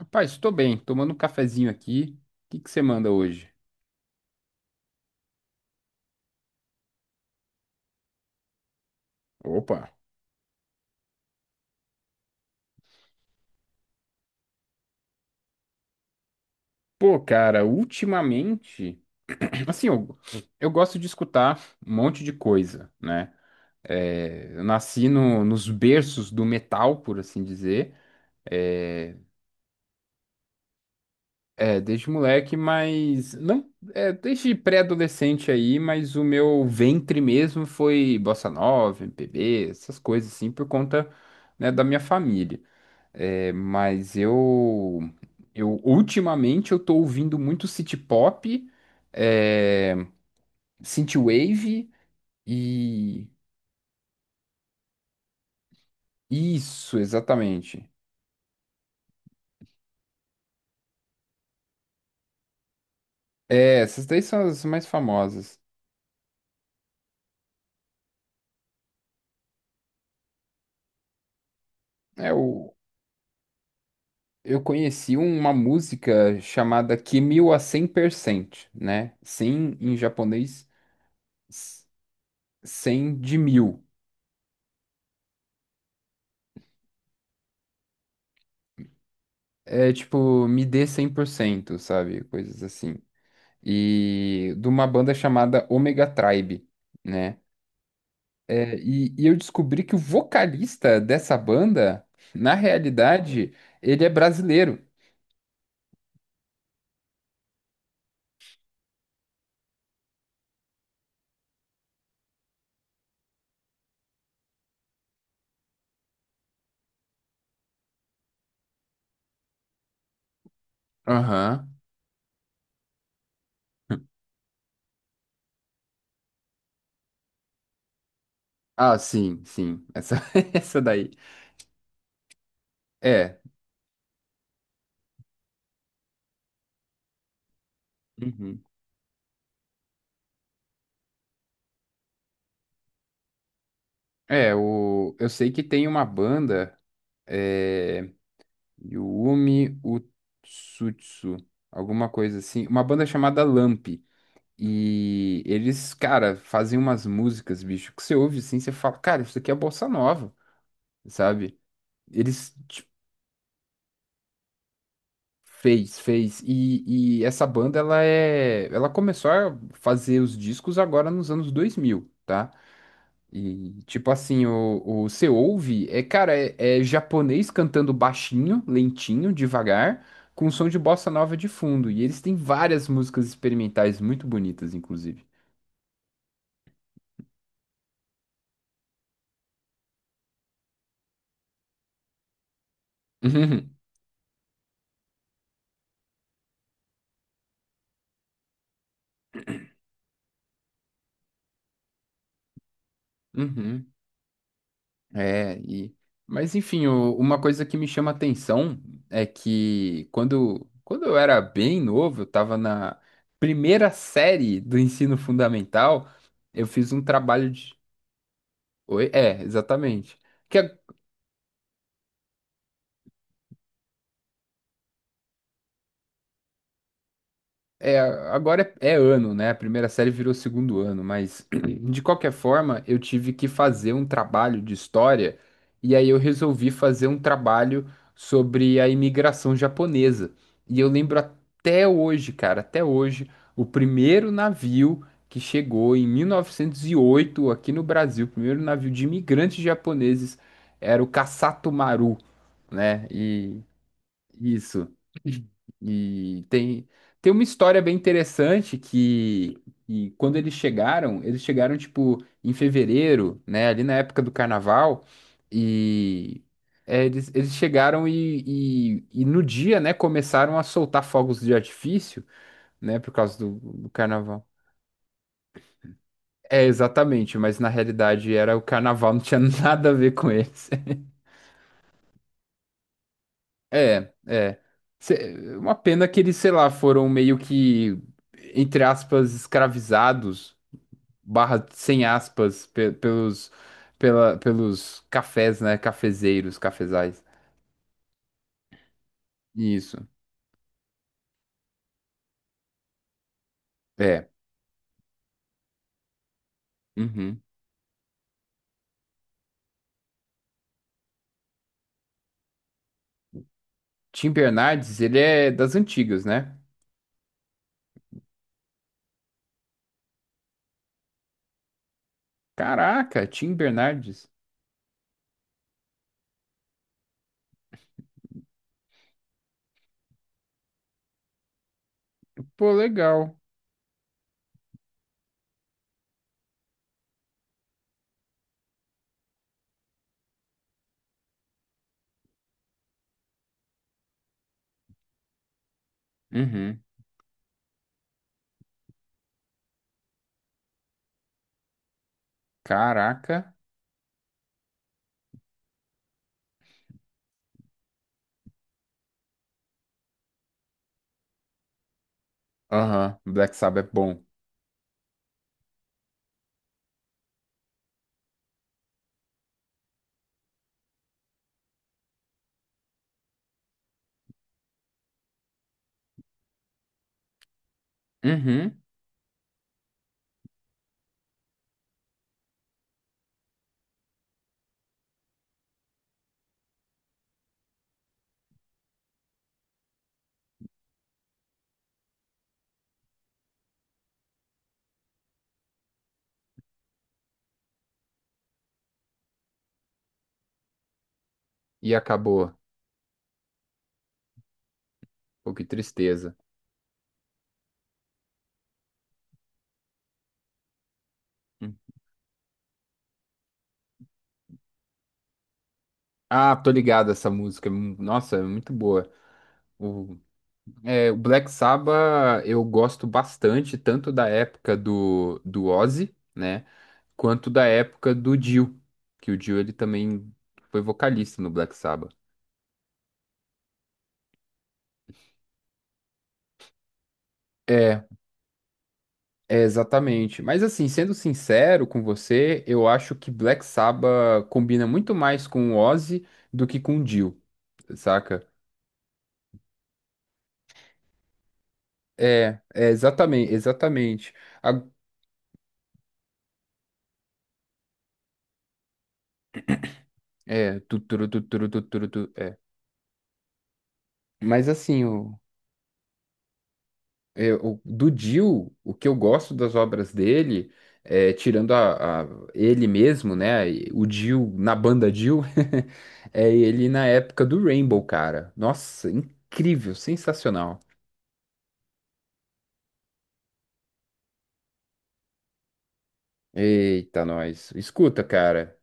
Rapaz, estou bem, tomando um cafezinho aqui. O que que você manda hoje? Opa. Pô, cara, ultimamente, assim, eu gosto de escutar um monte de coisa, né? É, eu nasci nos berços do metal, por assim dizer. É, é, desde moleque, mas não, é, desde pré-adolescente aí, mas o meu ventre mesmo foi bossa nova, MPB, essas coisas assim, por conta, né, da minha família. É, mas eu ultimamente eu tô ouvindo muito city pop, é, synthwave e isso, exatamente. É, essas daí são as mais famosas. É, eu conheci uma música chamada Kimil a 100%, né? 100 em japonês, s- 100 de mil. É tipo, me dê 100%, sabe? Coisas assim. E de uma banda chamada Omega Tribe, né? É, e eu descobri que o vocalista dessa banda, na realidade, ele é brasileiro. Aham. Ah, sim, sim. Essa, essa daí. É. Uhum. É, eu sei que tem uma banda, é, Yumi Utsutsu, alguma coisa assim, uma banda chamada Lamp. E eles, cara, fazem umas músicas, bicho, que você ouve assim, você fala, cara, isso aqui é bossa nova, sabe? Eles tipo, fez, fez. E essa banda, ela é. Ela começou a fazer os discos agora nos anos 2000, tá? E tipo assim, o você ouve, é, cara, é japonês cantando baixinho, lentinho, devagar, com som de bossa nova de fundo. E eles têm várias músicas experimentais muito bonitas, inclusive. Uhum. Uhum. É, e... Mas enfim, uma coisa que me chama atenção é que quando eu era bem novo, eu estava na primeira série do ensino fundamental, eu fiz um trabalho de... Oi? É, exatamente. Que É, agora é ano, né? A primeira série virou segundo ano, mas de qualquer forma, eu tive que fazer um trabalho de história e aí eu resolvi fazer um trabalho sobre a imigração japonesa. E eu lembro até hoje, cara, até hoje, o primeiro navio que chegou em 1908 aqui no Brasil, o primeiro navio de imigrantes japoneses era o Kasatomaru, né? E isso. E tem uma história bem interessante que, quando eles chegaram tipo em fevereiro, né? Ali na época do carnaval, e eles chegaram e no dia, né, começaram a soltar fogos de artifício, né, por causa do carnaval. É, exatamente, mas na realidade era o carnaval, não tinha nada a ver com eles. É, é. Uma pena que eles, sei lá, foram meio que, entre aspas, escravizados, barra sem aspas, pelos, pela, pelos cafés, né? Cafezeiros, cafezais. Isso. É. Uhum. Tim Bernardes, ele é das antigas, né? Caraca, Tim Bernardes. Pô, legal. Uhum. Caraca. Aham, Black Sabbath é bom. Uhum. E acabou. Pô, que tristeza. Ah, tô ligado essa música. Nossa, é muito boa. O, o Black Sabbath eu gosto bastante, tanto da época do Ozzy, né? Quanto da época do Dio, que o Dio ele também foi vocalista no Black Sabbath. É, é, exatamente. Mas assim, sendo sincero com você, eu acho que Black Sabbath combina muito mais com o Ozzy do que com o Dio, saca? É, exatamente, exatamente. A- é, tu, turu, tu, turu, tu, turu, tu. Mas assim, do Dio, o que eu gosto das obras dele, é, tirando ele mesmo, né? O Dio na banda Dio, é ele na época do Rainbow, cara. Nossa, incrível, sensacional. Eita, nós. Escuta, cara.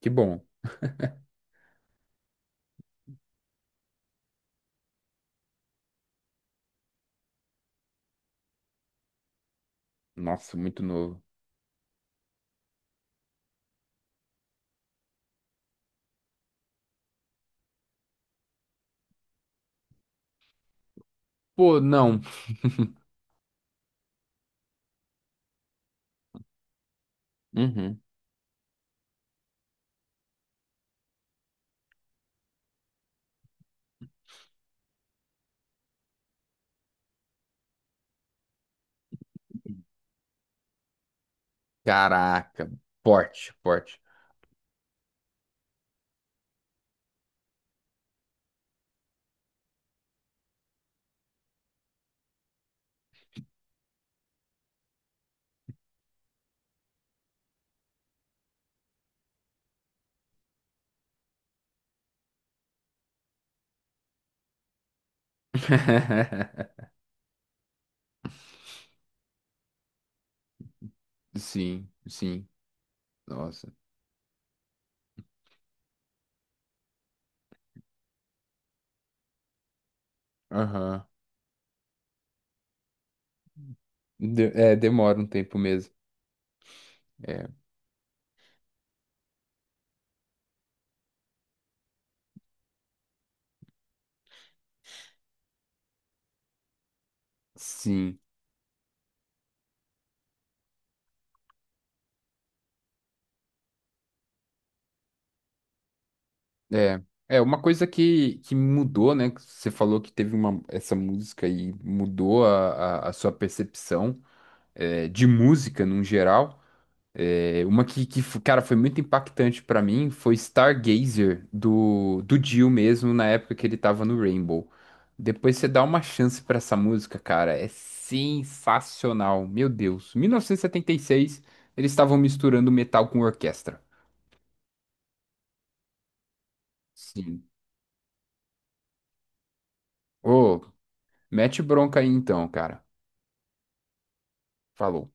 Que bom. Nossa, muito novo. Pô, não. Uhum. Caraca, forte, forte. Sim, sim. Nossa. Aham. Demora um tempo mesmo. É. Sim, é. É uma coisa que, mudou, né? Que você falou que teve essa música e mudou a sua percepção, de música num geral. É, uma que, cara, foi muito impactante pra mim, foi Stargazer, do Dio mesmo, na época que ele tava no Rainbow. Depois você dá uma chance pra essa música, cara. É sensacional. Meu Deus. 1976, eles estavam misturando metal com orquestra. Sim. Ô, mete bronca aí então, cara. Falou.